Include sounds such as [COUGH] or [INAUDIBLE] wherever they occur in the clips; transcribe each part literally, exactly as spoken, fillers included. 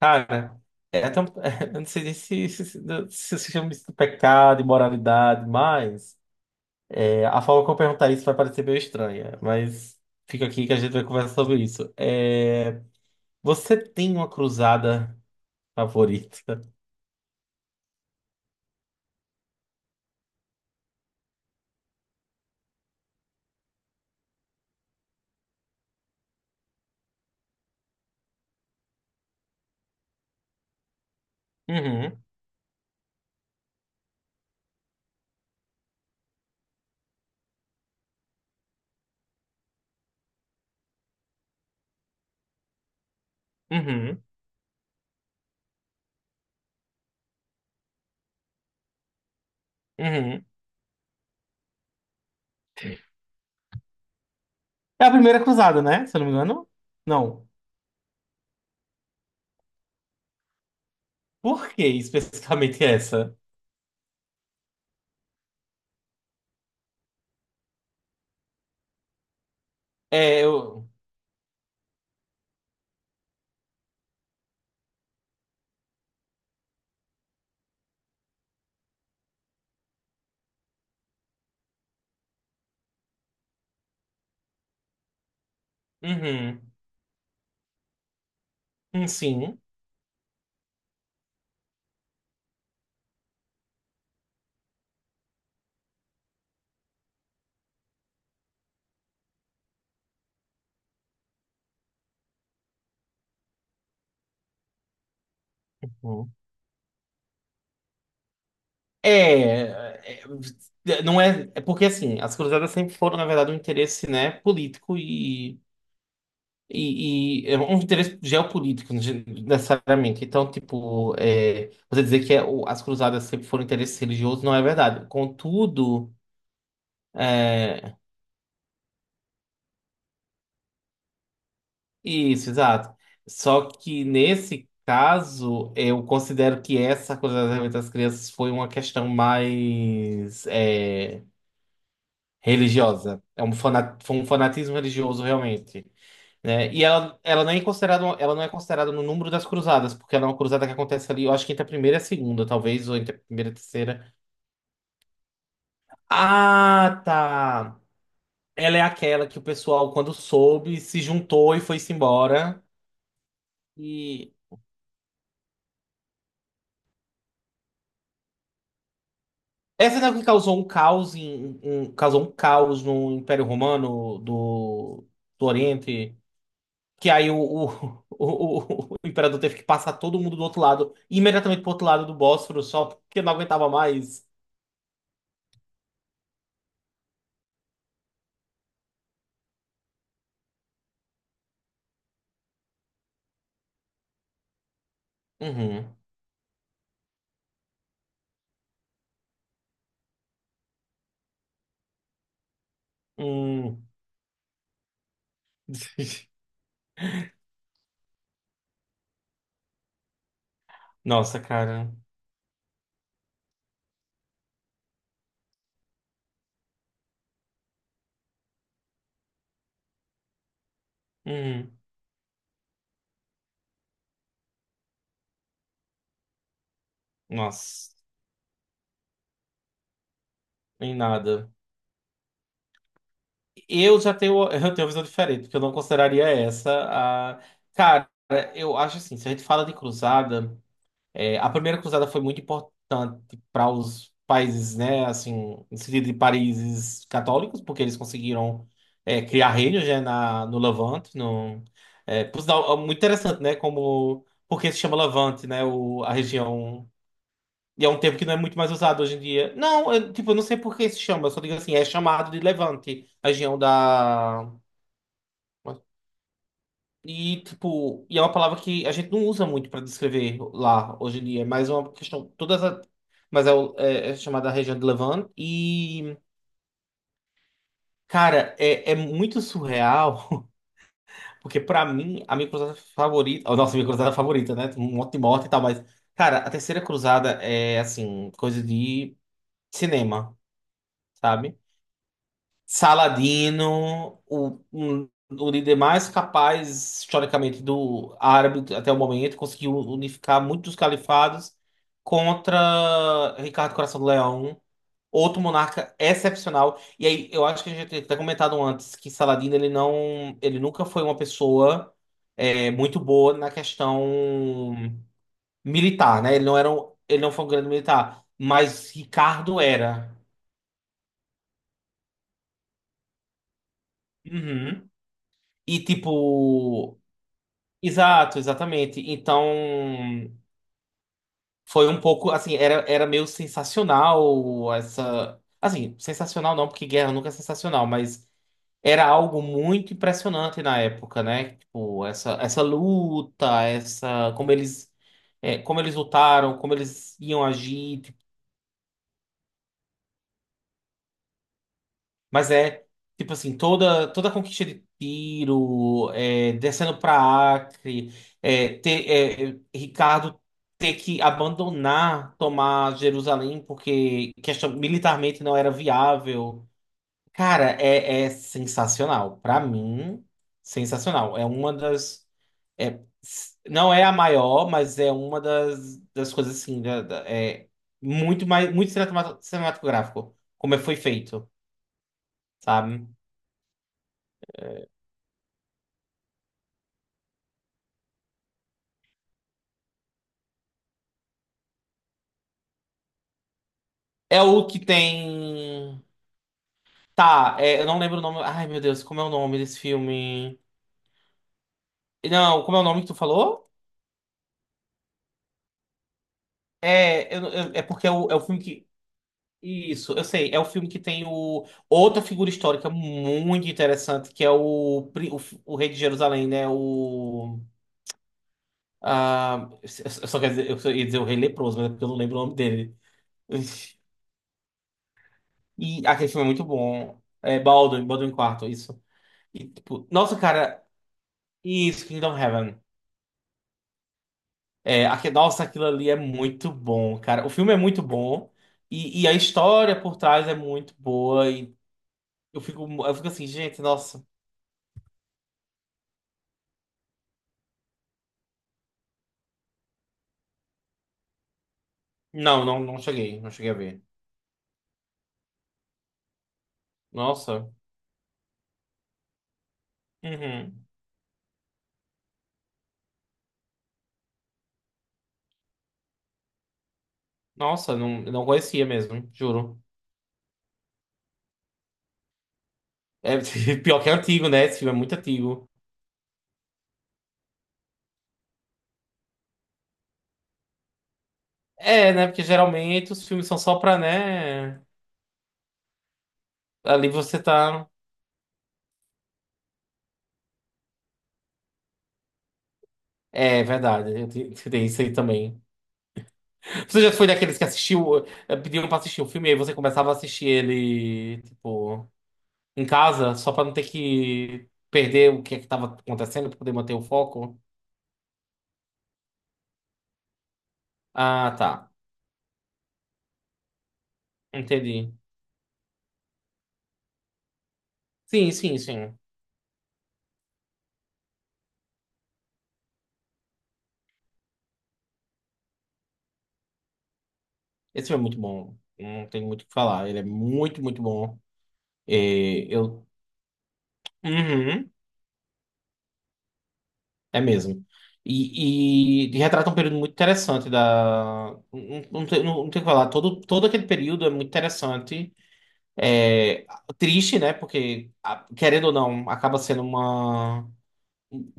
Cara, é até um- [LAUGHS] eu não sei nem se se, se, se se chama isso de pecado, imoralidade, mas é, a forma como eu perguntar isso vai parecer meio estranha, mas fica aqui que a gente vai conversar sobre isso. É, você tem uma cruzada favorita? Uhum, uhum, uhum. É a primeira cruzada, né? Se eu não me engano. Não. Por que especificamente essa? É, eu. Uhum. Hum, sim. É, é, é, não é, é porque assim, as cruzadas sempre foram, na verdade, um interesse, né, político e, e, e é um interesse geopolítico, ne- necessariamente. Então, tipo, é, você dizer que é, o- as cruzadas sempre foram interesse religioso não é verdade. Contudo, é, isso, exato. Só que nesse caso, eu considero que essa cruzada das crianças foi uma questão mais, é, religiosa. É um, fana, foi um fanatismo religioso realmente, né? E ela, ela nem é considerada, uma- ela não é considerada no número das cruzadas, porque ela é uma cruzada que acontece ali, eu acho que entre a primeira e a segunda, talvez, ou entre a primeira e a terceira. Ah, tá. Ela é aquela que o pessoal, quando soube, se juntou e foi-se embora. E essa não é a que causou um caos em, um- causou um caos no Império Romano do, do Oriente. Que aí o, o, [LAUGHS] o, o- o imperador teve que passar todo mundo do outro lado, imediatamente pro outro lado do Bósforo, só porque não aguentava mais. Uhum. Hum. [LAUGHS] Nossa, cara. Uhum. Nossa, em nada. Eu já tenho, [LAUGHS] eu tenho uma visão diferente, porque eu não consideraria essa a. Cara, eu acho assim, se a gente fala de cruzada. É, a primeira cruzada foi muito importante para os países, né, assim, no sentido de países católicos, porque eles conseguiram é, criar reinos, né, na, no Levante. No, é, Por sinal, é muito interessante, né, como porque se chama Levante, né, o, a região. E é um termo que não é muito mais usado hoje em dia. Não, eu, tipo, eu não sei por que se chama, eu só digo assim, é chamado de Levante, a região da. E, tipo, e é uma palavra que a gente não usa muito para descrever lá hoje em dia, mas é mais uma questão. Todas a- mas é, o- é- é chamada região de Levant. E, cara, é, é muito surreal, [LAUGHS] porque para mim, a minha cruzada favorita. A nossa, minha cruzada favorita, né? Tem Um monte de morte e tal, mas, cara, a terceira cruzada é, assim, coisa de cinema, sabe? Saladino, o, um- o líder mais capaz, historicamente, do árabe até o momento, conseguiu unificar muitos califados contra Ricardo Coração do Leão, outro monarca excepcional. E aí, eu acho que a gente tinha até comentado antes que Saladino, ele não, ele nunca foi uma pessoa é, muito boa na questão militar, né? Ele não era, um- ele não foi um grande militar, mas Ricardo era. Uhum. E tipo. Exato, exatamente. Então, foi um pouco assim, era, era meio sensacional essa. Assim, sensacional não, porque guerra nunca é sensacional, mas era algo muito impressionante na época, né? Tipo, essa, essa luta, essa, como eles, é, como eles lutaram, como eles iam agir, mas é, tipo assim, toda, toda a conquista de Tiro, é, descendo pra Acre, é, ter, é, Ricardo ter que abandonar, tomar Jerusalém, porque questão, militarmente não era viável. Cara, é, é sensacional. Pra mim, sensacional. É uma das. é, s- não é a maior, mas é uma das, das coisas assim. da- da- é muito mais, muito cinematográfico, como é- foi feito, sabe? É o que tem. Tá, é, eu não lembro o nome. Ai, meu Deus, como é o nome desse filme? Não, como é o nome que tu falou? É, eu- eu- é porque é o, é o filme que. Isso, eu sei. É o filme que tem o, outra figura histórica muito interessante, que é o, pri- o, f- o Rei de Jerusalém, né? O. Ah, eu eu só quero dizer, eu só ia dizer o Rei Leproso, mas é porque eu não lembro o nome dele. E aquele filme é muito bom. É Baldwin, Baldwin Quarto, isso. E, tipo, nossa, cara, isso, Kingdom Heaven. É, aqui, nossa, aquilo ali é muito bom, cara. O filme é muito bom e, e a história por trás é muito boa. E eu fico, eu fico assim, gente, nossa. Não, não, não cheguei, não cheguei a ver. Nossa. Uhum. Nossa, não, não conhecia mesmo, juro. É [LAUGHS] pior que é antigo, né? Esse filme é muito antigo. É, né? Porque geralmente os filmes são só pra, né? Ali você tá. É verdade, eu te- [LAUGHS] te- tem isso aí também. Você já foi daqueles que assistiu, eh, pediram pra assistir o filme e aí você começava a assistir ele, tipo. Em casa, só pra não ter que perder o que é que tava acontecendo, pra poder manter o foco. Ah, tá. Entendi. Sim, sim, sim. Esse filme é muito bom. Não tem muito o que falar. Ele é muito, muito bom. É, eu... Uhum, é mesmo. E, e retrata um período muito interessante da... Não, não, tem, não, não tem o que falar. Todo, todo aquele período é muito interessante. É triste, né? Porque, a- querendo ou não, acaba sendo uma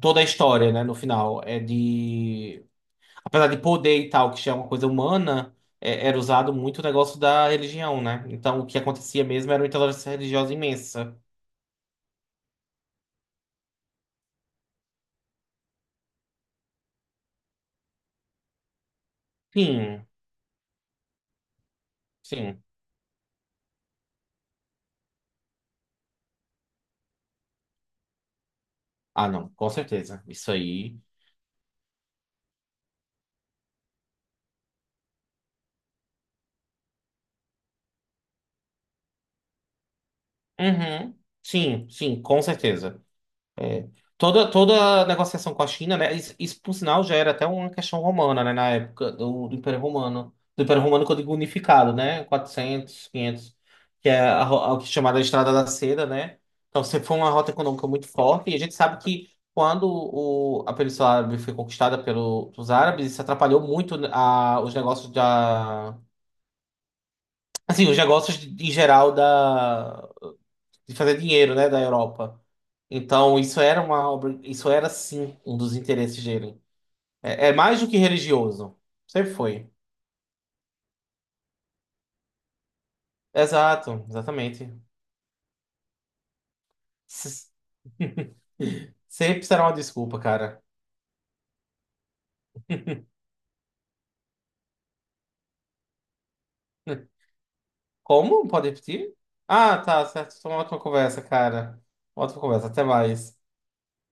toda a história, né, no final, é de... Apesar de poder e tal, que já é uma coisa humana, é- era usado muito o negócio da religião, né? Então, o que acontecia mesmo era uma intolerância religiosa imensa. Sim, sim. Ah, não, com certeza. Isso aí... Uhum. Sim, sim, com certeza. É. Toda, toda negociação com a China, né? Isso, isso, por sinal, já era até uma questão romana, né? Na época do, do Império Romano. Do Império Romano, quando digo unificado, né? Quatrocentos, quinhentos, que é a, ro- a que é chamada Estrada da Seda, né? Então, sempre foi uma rota econômica muito forte. E a gente sabe que quando o, a Península Árabe foi conquistada pelo, pelos árabes, isso atrapalhou muito a, os negócios da... Assim, os negócios em geral de fazer dinheiro, né, da Europa. Então, isso era uma obra, isso era sim um dos interesses dele. É, é mais do que religioso. Sempre foi. Exato, exatamente. S- [LAUGHS] Sempre será uma desculpa, cara. Como? Pode repetir? Ah, tá, certo. Foi uma ótima conversa, cara. Ótima conversa. Até mais.